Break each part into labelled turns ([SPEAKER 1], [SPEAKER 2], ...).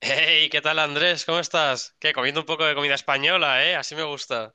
[SPEAKER 1] Hey, ¿qué tal Andrés? ¿Cómo estás? ¿Qué? Comiendo un poco de comida española, ¿eh? Así me gusta.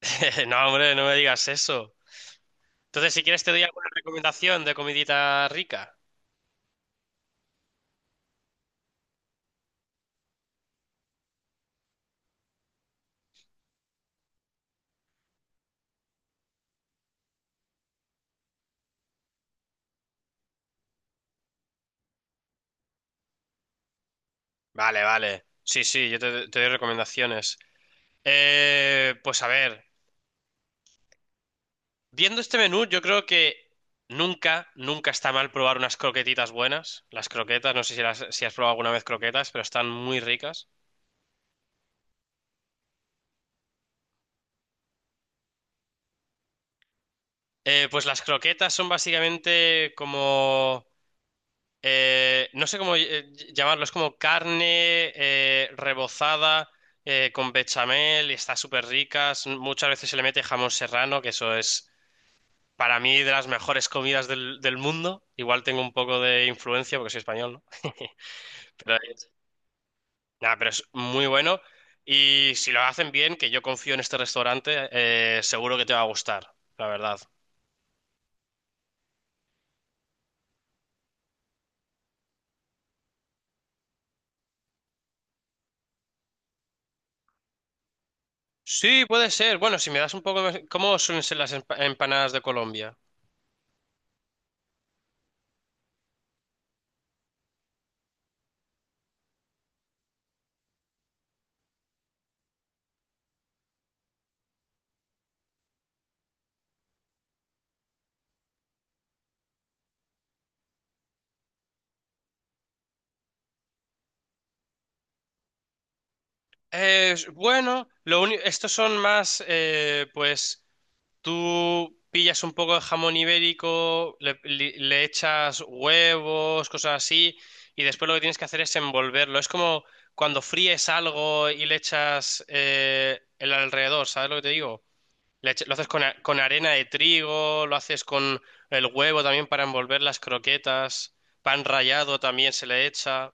[SPEAKER 1] No, hombre, no me digas eso. Entonces, si quieres, te doy alguna recomendación de comidita rica. Vale, vale. Sí, sí, yo te doy recomendaciones. Pues a ver, viendo este menú, yo creo que nunca, nunca está mal probar unas croquetitas buenas. Las croquetas, no sé si, si has probado alguna vez croquetas, pero están muy ricas. Pues las croquetas son básicamente como... no sé cómo llamarlo, es como carne rebozada con bechamel y está súper rica. Muchas veces se le mete jamón serrano, que eso es para mí de las mejores comidas del mundo. Igual tengo un poco de influencia porque soy español, ¿no? Pero, nada, pero es muy bueno y si lo hacen bien, que yo confío en este restaurante, seguro que te va a gustar, la verdad. Sí, puede ser. Bueno, si me das un poco, ¿cómo suelen ser las empanadas de Colombia? Bueno, lo único, estos son más, pues tú pillas un poco de jamón ibérico, le echas huevos, cosas así, y después lo que tienes que hacer es envolverlo. Es como cuando fríes algo y le echas el alrededor, ¿sabes lo que te digo? Lo haces con, con arena de trigo, lo haces con el huevo también para envolver las croquetas, pan rallado también se le echa.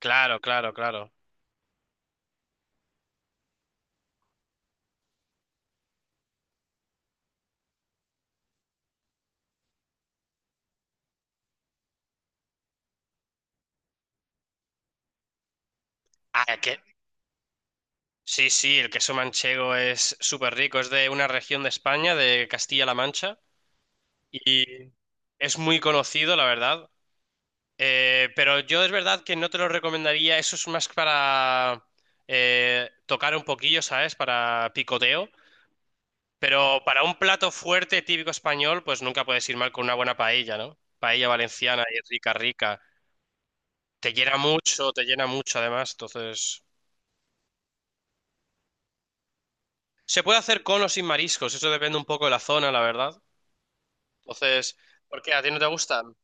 [SPEAKER 1] Claro, claro, claro. Sí, sí, el queso manchego es súper rico, es de una región de España, de Castilla-La Mancha, y es muy conocido, la verdad. Pero yo es verdad que no te lo recomendaría, eso es más para tocar un poquillo, ¿sabes? Para picoteo. Pero para un plato fuerte típico español, pues nunca puedes ir mal con una buena paella, ¿no? Paella valenciana y rica, rica. Te llena mucho además, entonces... Se puede hacer con o sin mariscos, eso depende un poco de la zona, la verdad. Entonces, ¿por qué? ¿A ti no te gustan?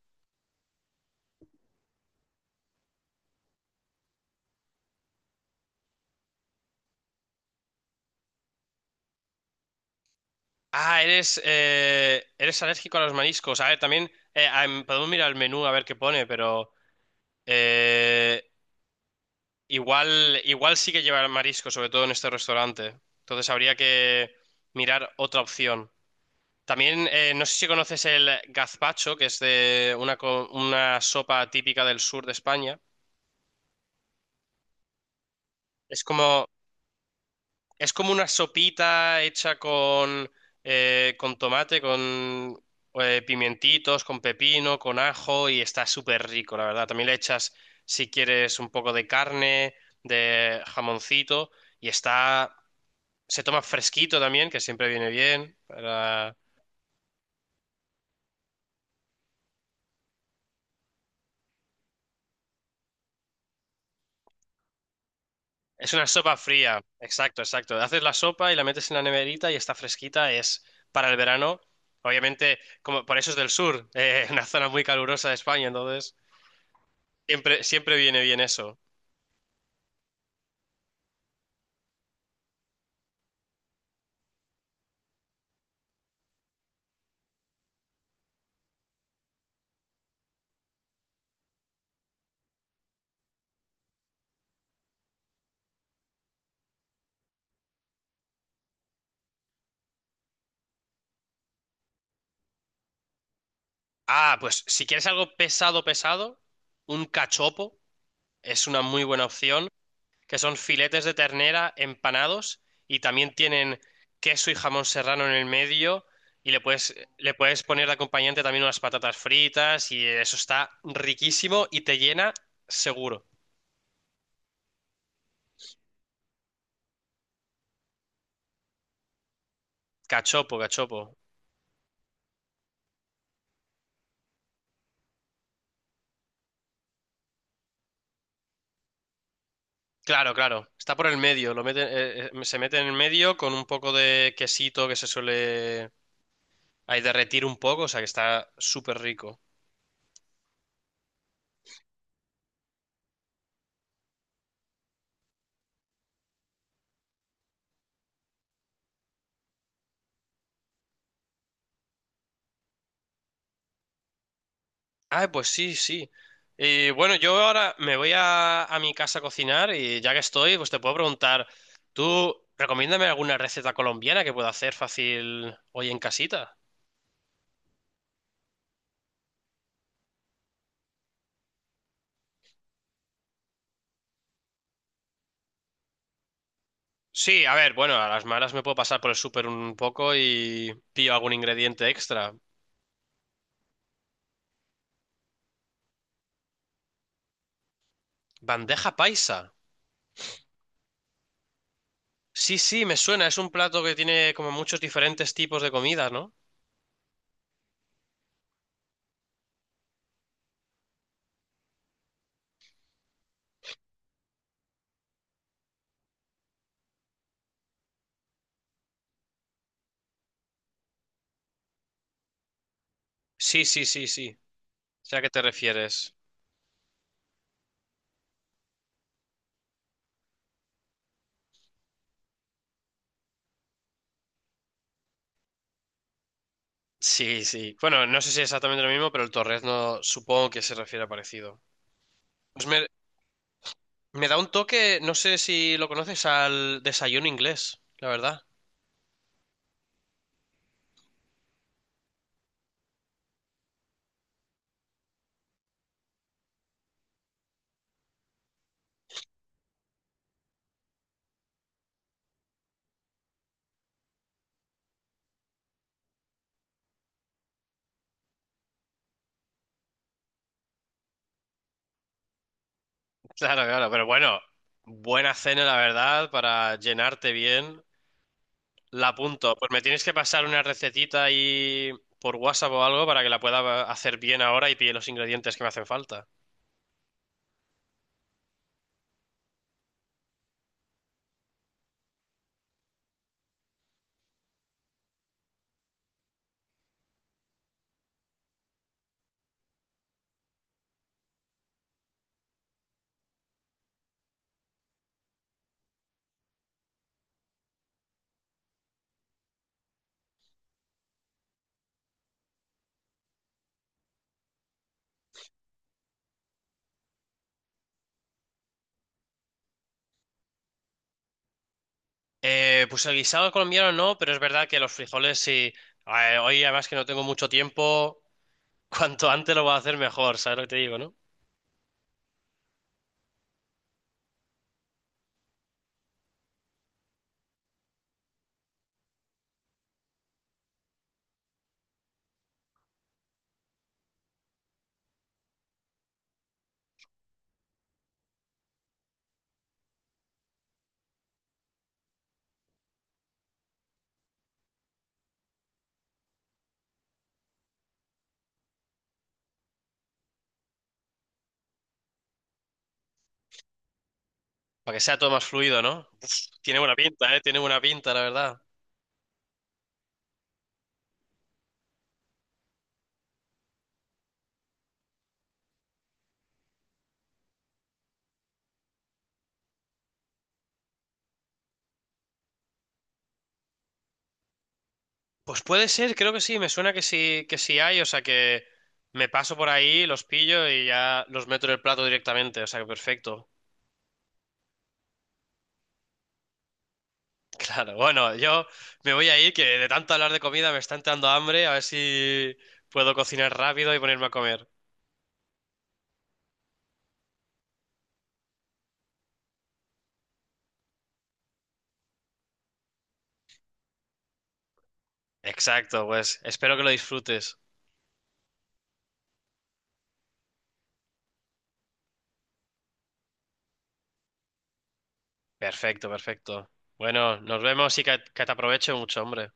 [SPEAKER 1] Ah, eres, eres alérgico a los mariscos. A ver, también podemos mirar el menú a ver qué pone, pero eh, igual, igual sí que lleva marisco, sobre todo en este restaurante. Entonces habría que mirar otra opción. También no sé si conoces el gazpacho, que es de una, una sopa típica del sur de España. Es como Es como una sopita hecha con tomate, con pimientitos, con pepino, con ajo y está súper rico, la verdad. También le echas, si quieres, un poco de carne, de jamoncito y está... Se toma fresquito también, que siempre viene bien. Es una sopa fría, exacto, exacto. Haces la sopa y la metes en la neverita y está fresquita, es para el verano. Obviamente, como por eso es del sur, una zona muy calurosa de España, entonces... Siempre, siempre viene bien eso. Ah, pues si quieres algo pesado, pesado, un cachopo es una muy buena opción, que son filetes de ternera empanados y también tienen queso y jamón serrano en el medio y le puedes poner de acompañante también unas patatas fritas y eso está riquísimo y te llena seguro. Cachopo, cachopo. Claro, claro. Está por el medio. Se mete en el medio con un poco de quesito que se suele ahí derretir un poco, o sea que está súper rico. Ah, pues sí, sí. Y bueno, yo ahora me voy a mi casa a cocinar y ya que estoy, pues te puedo preguntar, ¿tú recomiéndame alguna receta colombiana que pueda hacer fácil hoy en casita? Sí, a ver, bueno, a las malas me puedo pasar por el súper un poco y pillo algún ingrediente extra. Bandeja paisa. Sí, sí, me suena, es un plato que tiene como muchos diferentes tipos de comidas, ¿no? Sí, sí, sí, sí. O ¿a qué te refieres? Sí, sí. Bueno, no sé si es exactamente lo mismo, pero el torrezno supongo que se refiere a parecido. Pues me, me da un toque, no sé si lo conoces, al desayuno inglés, la verdad. Claro, claro, pero bueno, buena cena, la verdad, para llenarte bien. La apunto. Pues me tienes que pasar una recetita ahí por WhatsApp o algo para que la pueda hacer bien ahora y pille los ingredientes que me hacen falta. Pues el guisado colombiano no, pero es verdad que los frijoles sí. Hoy además que no tengo mucho tiempo. Cuanto antes lo vas a hacer mejor, ¿sabes lo que te digo, no? Para que sea todo más fluido, ¿no? Uf, tiene buena pinta, ¿eh? Tiene buena pinta, la verdad. Pues puede ser, creo que sí, me suena que sí hay, o sea que me paso por ahí, los pillo y ya los meto en el plato directamente, o sea que perfecto. Claro, bueno, yo me voy a ir, que de tanto hablar de comida me está entrando hambre, a ver si puedo cocinar rápido y ponerme a comer. Exacto, pues espero que lo disfrutes. Perfecto, perfecto. Bueno, nos vemos y que te aproveche mucho, hombre.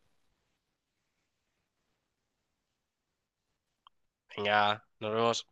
[SPEAKER 1] Venga, nos vemos.